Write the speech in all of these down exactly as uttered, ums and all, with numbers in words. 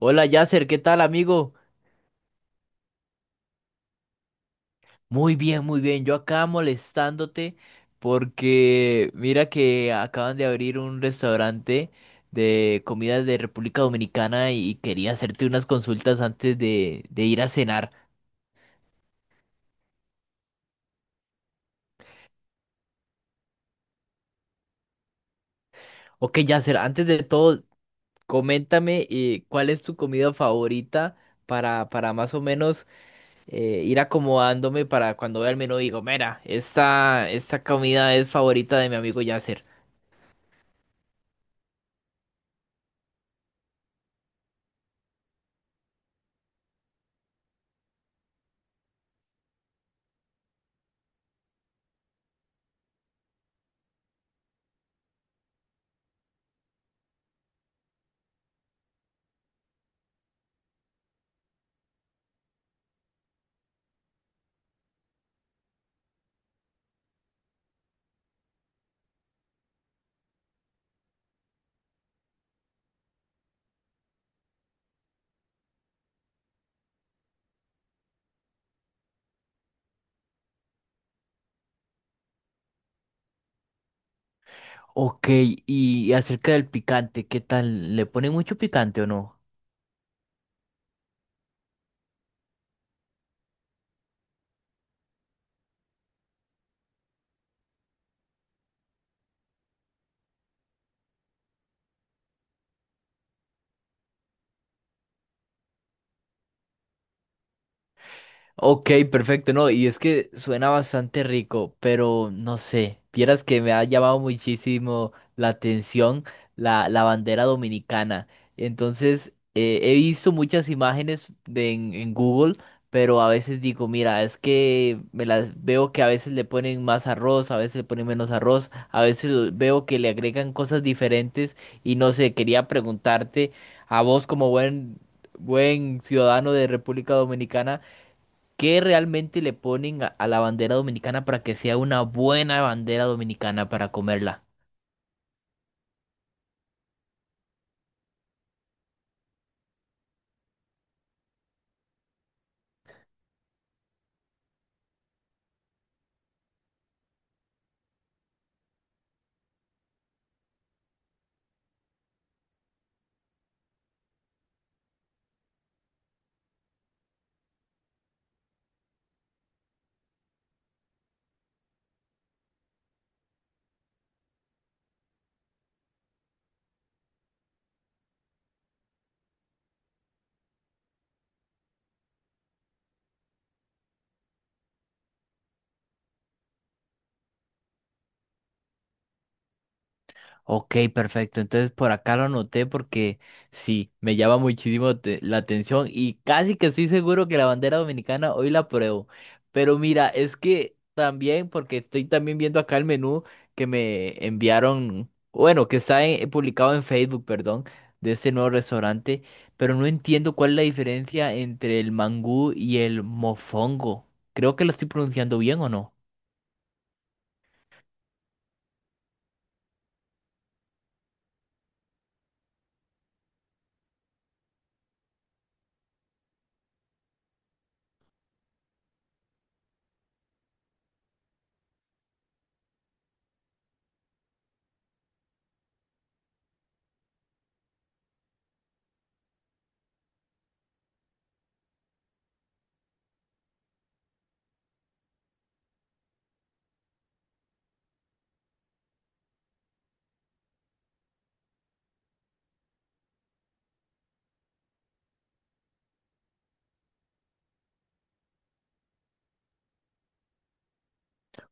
Hola Yasser, ¿qué tal amigo? Muy bien, muy bien. Yo acá molestándote porque mira que acaban de abrir un restaurante de comidas de República Dominicana y quería hacerte unas consultas antes de, de ir a cenar. Ok Yasser, antes de todo, coméntame eh, cuál es tu comida favorita para, para más o menos eh, ir acomodándome para cuando vea el menú digo, mira, esta, esta comida es favorita de mi amigo Yasser. Ok, y acerca del picante, ¿qué tal? ¿Le ponen mucho picante o no? Ok, perfecto, no, y es que suena bastante rico, pero no sé, vieras que me ha llamado muchísimo la atención la, la bandera dominicana. Entonces, eh, he visto muchas imágenes de, en, en Google, pero a veces digo, mira, es que me las veo que a veces le ponen más arroz, a veces le ponen menos arroz, a veces lo- veo que le agregan cosas diferentes y no sé, quería preguntarte a vos como buen, buen ciudadano de República Dominicana. ¿Qué realmente le ponen a, a la bandera dominicana para que sea una buena bandera dominicana para comerla? Ok, perfecto. Entonces por acá lo anoté porque sí, me llama muchísimo te- la atención y casi que estoy seguro que la bandera dominicana hoy la pruebo. Pero mira, es que también, porque estoy también viendo acá el menú que me enviaron, bueno, que está en- publicado en Facebook, perdón, de este nuevo restaurante, pero no entiendo cuál es la diferencia entre el mangú y el mofongo. Creo que lo estoy pronunciando bien o no.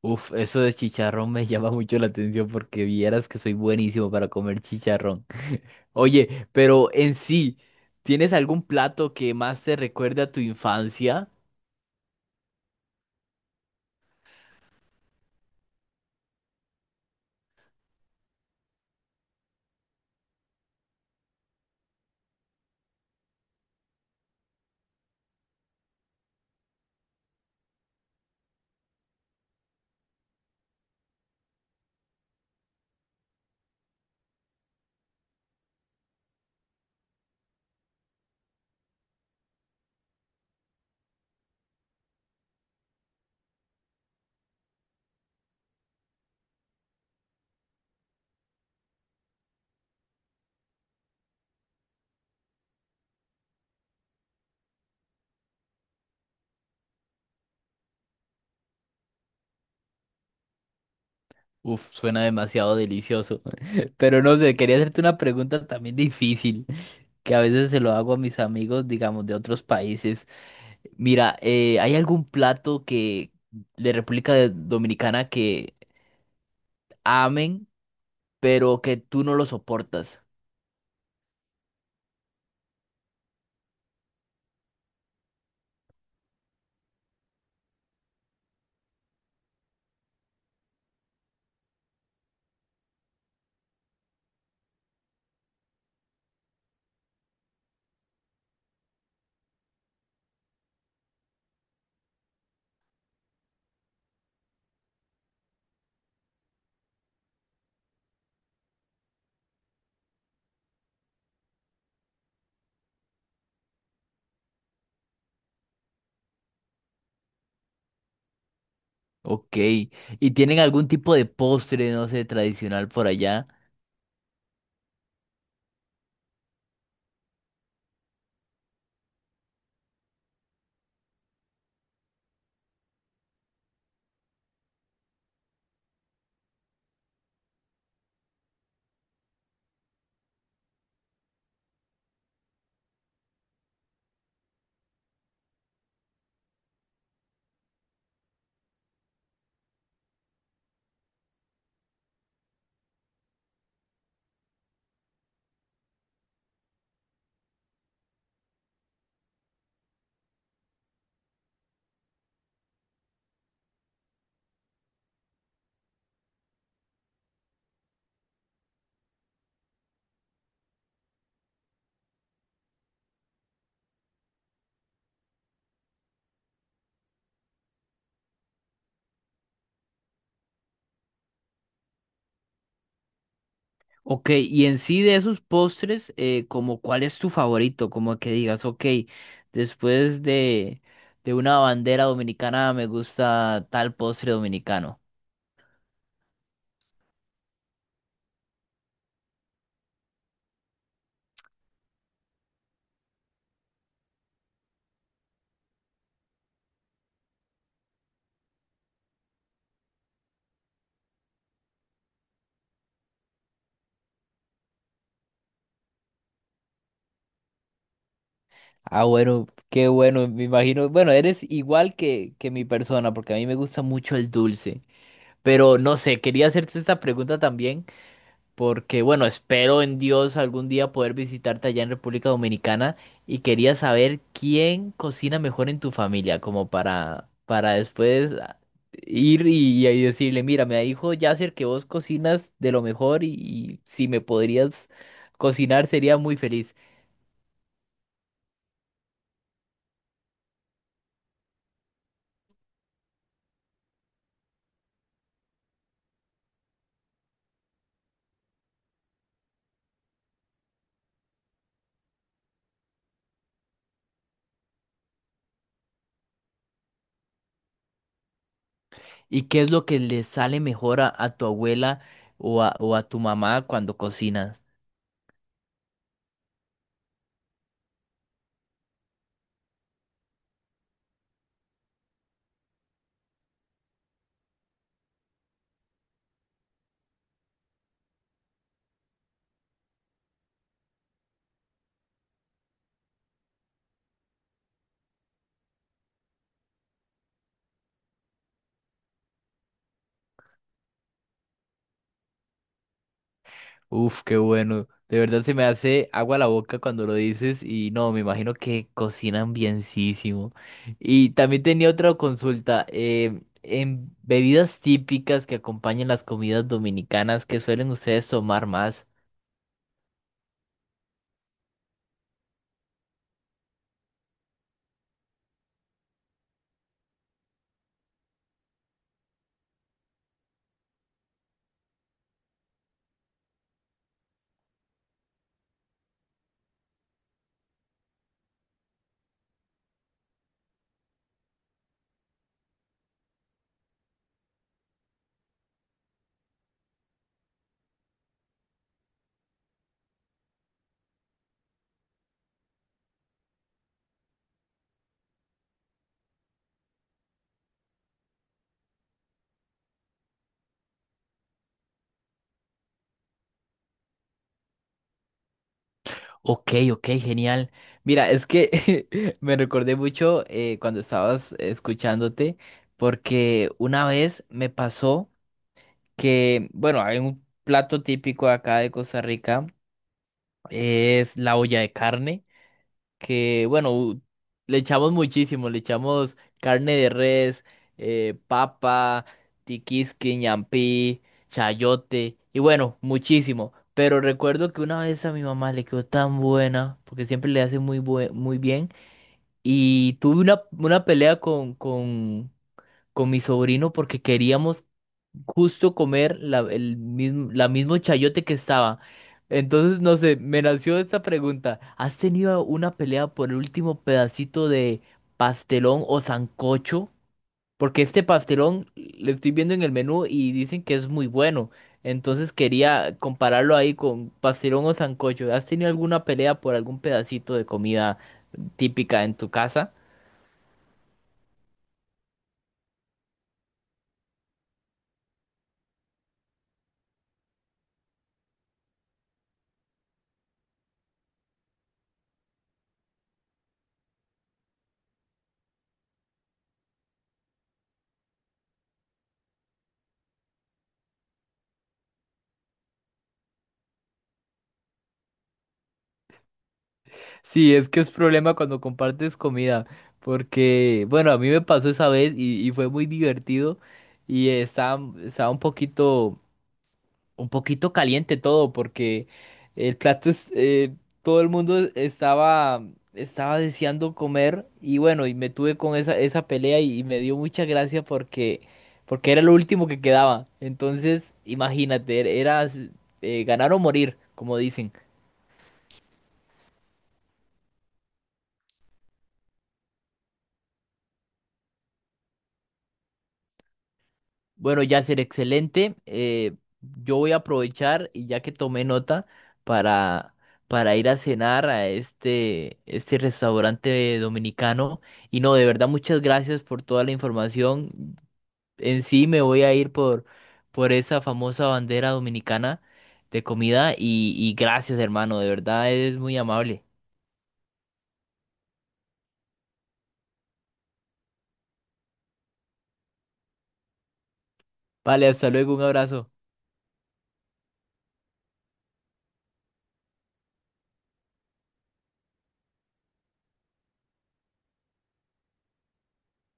Uf, eso de chicharrón me llama mucho la atención porque vieras que soy buenísimo para comer chicharrón. Oye, pero en sí, ¿tienes algún plato que más te recuerde a tu infancia? Uf, suena demasiado delicioso. Pero no sé, quería hacerte una pregunta también difícil, que a veces se lo hago a mis amigos, digamos, de otros países. Mira, eh, ¿hay algún plato que de República de- Dominicana que amen, pero que tú no lo soportas? Ok, ¿y tienen algún tipo de postre, no sé, tradicional por allá? Ok, y en sí de esos postres, eh, como cuál es tu favorito, como que digas, ok, después de, de una bandera dominicana me gusta tal postre dominicano. Ah, bueno, qué bueno, me imagino, bueno, eres igual que, que mi persona, porque a mí me gusta mucho el dulce, pero no sé, quería hacerte esta pregunta también. Porque bueno, espero en Dios algún día poder visitarte allá en República Dominicana y quería saber quién cocina mejor en tu familia, como para, para después ah, ir y, y decirle, mira, me dijo Yasser que vos cocinas de lo mejor y, y si me podrías cocinar sería muy feliz. ¿Y qué es lo que le sale mejor a, a tu abuela o a, o a tu mamá cuando cocinas? Uf, qué bueno. De verdad se me hace agua la boca cuando lo dices y no, me imagino que cocinan bienísimo. Y también tenía otra consulta. Eh, en bebidas típicas que acompañan las comidas dominicanas, ¿qué suelen ustedes tomar más? Ok, ok, genial. Mira, es que me recordé mucho eh, cuando estabas escuchándote porque una vez me pasó que, bueno, hay un plato típico acá de Costa Rica. Es la olla de carne, que bueno, u- le echamos muchísimo, le echamos carne de res, eh, papa, tiquisque, ñampí, chayote, y bueno, muchísimo. Pero recuerdo que una vez a mi mamá le quedó tan buena, porque siempre le hace muy, bue- muy bien, y tuve una, una pelea con, con, con mi sobrino porque queríamos justo comer la, el mismo, la mismo chayote que estaba. Entonces, no sé, me nació esta pregunta. ¿Has tenido una pelea por el último pedacito de pastelón o sancocho? Porque este pastelón le estoy viendo en el menú y dicen que es muy bueno. Entonces quería compararlo ahí con pastelón o sancocho. ¿Has tenido alguna pelea por algún pedacito de comida típica en tu casa? Sí, es que es problema cuando compartes comida, porque, bueno, a mí me pasó esa vez y, y fue muy divertido y estaba, estaba un poquito, un poquito caliente todo, porque el plato es, eh, todo el mundo estaba, estaba deseando comer y bueno, y me tuve con esa, esa pelea y, y me dio mucha gracia porque, porque era lo último que quedaba. Entonces, imagínate, era eh, ganar o morir, como dicen. Bueno, ya ser excelente. Eh, yo voy a aprovechar y ya que tomé nota para, para ir a cenar a este, este restaurante dominicano. Y no, de verdad, muchas gracias por toda la información. En sí me voy a ir por, por esa famosa bandera dominicana de comida y, y gracias, hermano. De verdad, es muy amable. Vale, hasta luego, un abrazo.